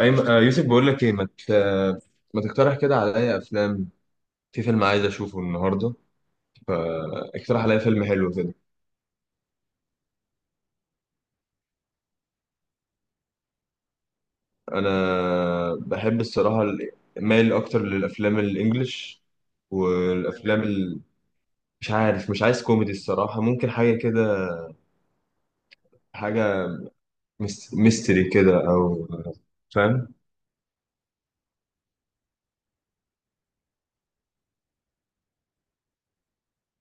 أيمن، يوسف بقول لك ايه، ما تقترح كده عليا افلام. في فيلم عايز اشوفه النهارده، فاقترح عليا فيلم حلو كده. انا بحب الصراحه، مايل اكتر للافلام الانجليش. والافلام مش عارف، مش عايز كوميدي الصراحه، ممكن حاجه كده، حاجه ميستري كده او فاهم.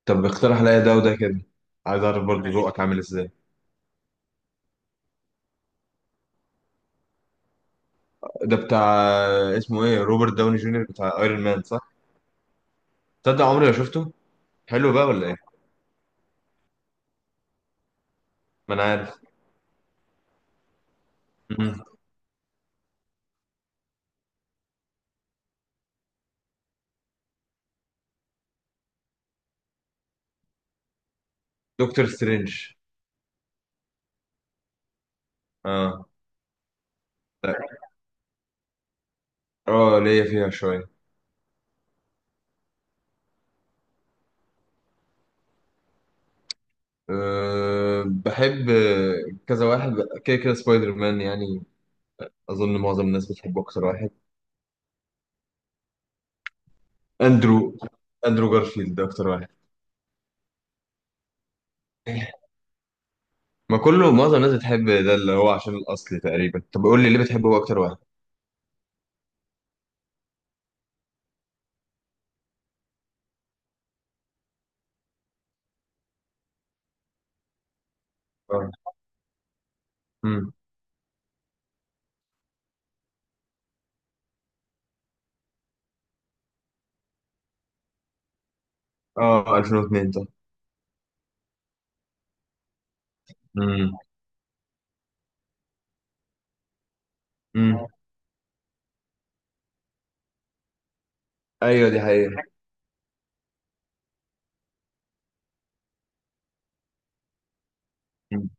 طب اقترح عليا ده وده كده. عايز اعرف برضه ذوقك عامل ازاي. ده بتاع، اسمه ايه، روبرت داوني جونيور بتاع ايرون مان، صح؟ تصدق عمري ما شفته. حلو بقى ولا ايه؟ ما انا عارف. مم. دكتور سترينج. اه. اه، ليا فيها شوية. أه، بحب كذا واحد، كده كده سبايدر مان يعني. أظن معظم الناس بتحبه أكتر واحد. أندرو أندرو جارفيلد ده أكتر واحد ما كله معظم الناس بتحب ده اللي هو عشان الأصل تقريبا طب قول لي ليه بتحبه هو أكتر واحد. اه. امم. اه، 2002 طب. امم، امم، ايوه دي حقيقة. مم.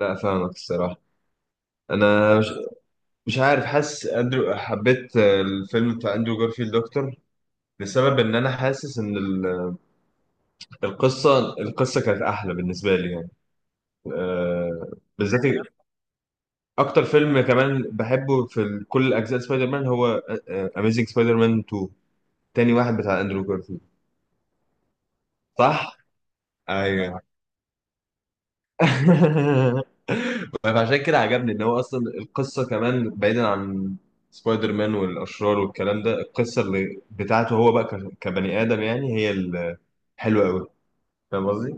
لا، فاهمك الصراحة. أنا مش عارف، حاسس اندرو، حبيت الفيلم بتاع اندرو جارفيلد اكتر. لسبب ان انا حاسس ان القصه كانت احلى بالنسبه لي يعني. آه، بالذات اكتر فيلم كمان بحبه في كل اجزاء سبايدر مان هو اميزنج سبايدر مان 2. تاني واحد بتاع اندرو جارفيلد. صح. ايوه. فعشان كده عجبني ان هو اصلا القصه كمان بعيدا عن سبايدر مان والاشرار والكلام ده، القصه اللي بتاعته هو بقى كبني ادم يعني، هي الحلوه قوي. فاهم قصدي؟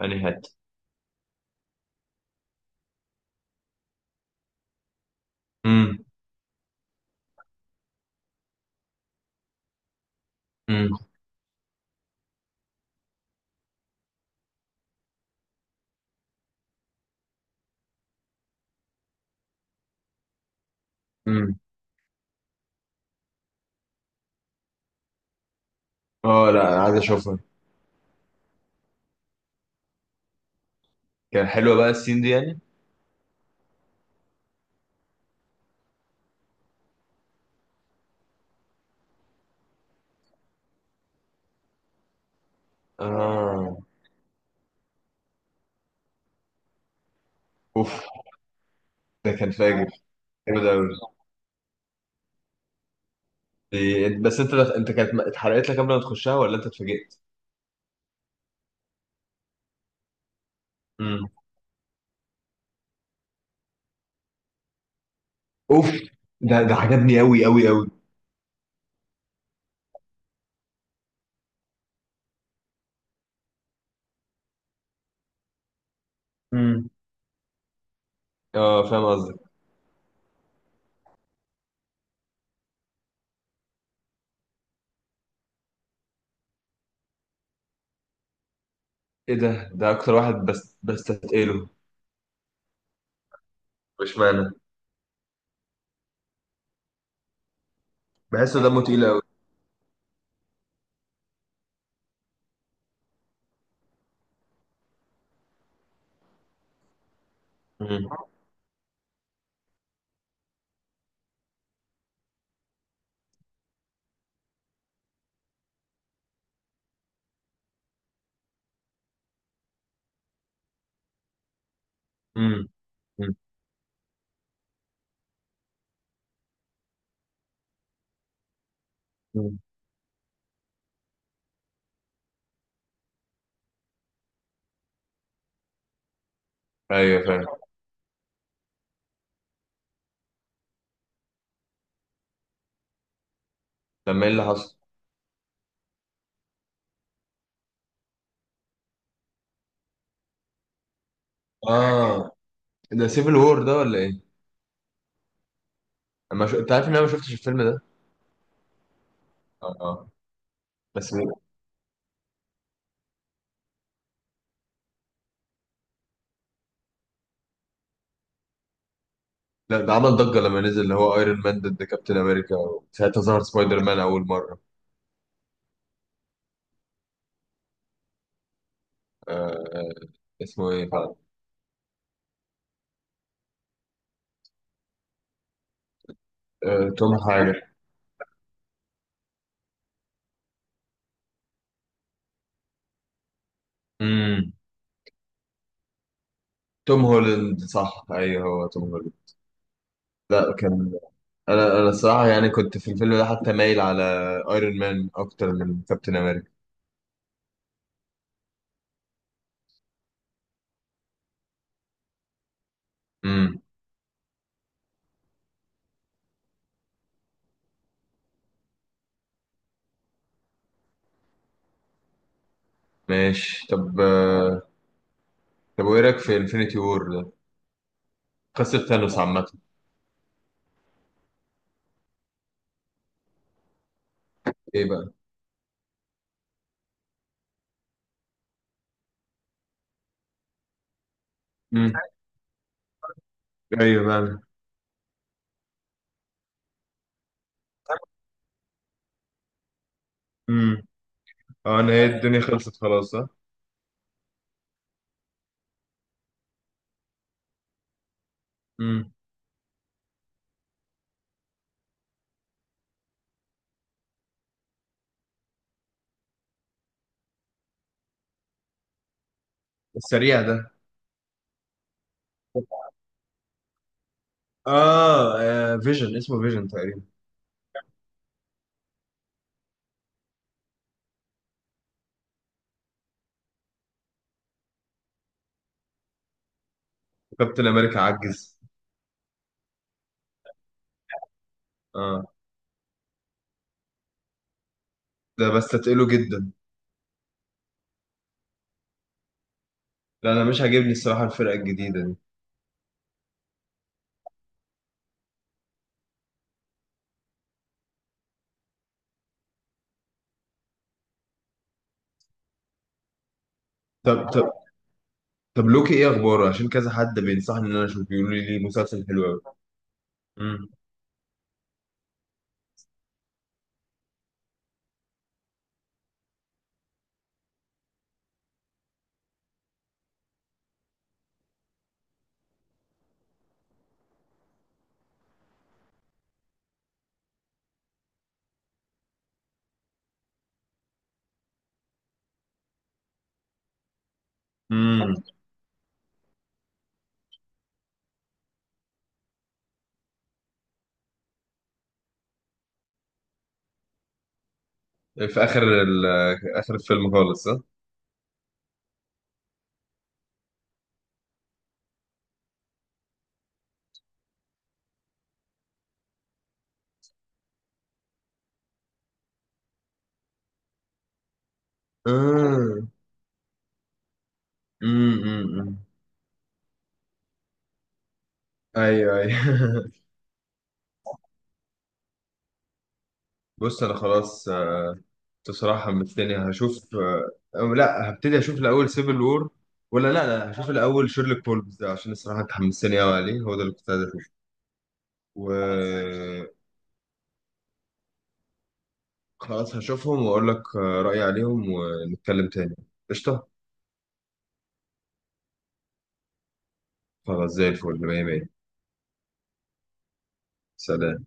يعني هات. امم. امم. امم. اه، لا انا عايز اشوفها. كان حلوه بقى السين دي يعني. اه. اوف. ده كان فاجر، جامد قوي. بس انت، كانت اتحرقت لك قبل ما تخشها ولا انت اتفاجئت؟ امم. اوف. ده عجبني قوي قوي قوي. امم. اه، فاهم قصدي. ايه ده، ده اكتر واحد بس بستثقله. مش معنى. بحسه دمه تقيل قوي. امم. امم. امم. ايوه فاهم. لما ايه اللي حصل؟ اه. ده سيفل وور ده ولا ايه؟ انا انت عارف ان انا ما شفتش الفيلم ده. اه، اه. بس. لا، ده عمل ضجه لما نزل، اللي هو ايرون مان ضد كابتن امريكا. ساعتها ظهر سبايدر مان اول مره. آه... آه، اسمه ايه فعلا؟ توم حاجه. امم. توم هولاند، صح، ايوه هو توم هولاند. لا كان. انا الصراحه يعني كنت في الفيلم ده حتى مايل على ايرون مان اكتر من كابتن امريكا. امم. ماشي طب. طب وايه رايك في انفينيتي وور ده؟ قصه ثانوس عامه. ايه بقى؟ امم. ايوه بقى. امم. اه، انا هي الدنيا خلصت خلاص ها. امم. السريع ده. اه، فيجن، اسمه فيجن تقريبا. كابتن امريكا عجز. اه. ده بس تقله جدا. لا، انا مش عاجبني الصراحه الفرقه الجديده دي. طب، طب، طب لوكي ايه اخباره، عشان كذا حد بينصحني ان انا اشوف، بيقولوا لي مسلسل حلو قوي. امم. في اخر اخر الفيلم خالص، صح؟ امم. امم. ايوه، ايوه. بص انا خلاص، بصراحه حمستني هشوف، أو لا، هبتدي اشوف الاول سيفل وور. ولا، لا، لا، هشوف الاول شيرلوك هولمز ده، عشان الصراحه انت حمستني قوي عليه، هو ده اللي كنت عايز اشوفه. و. خلاص هشوفهم واقول لك، رايي عليهم ونتكلم تاني. قشطه. خلاص زي الفل، مية مية. سلام.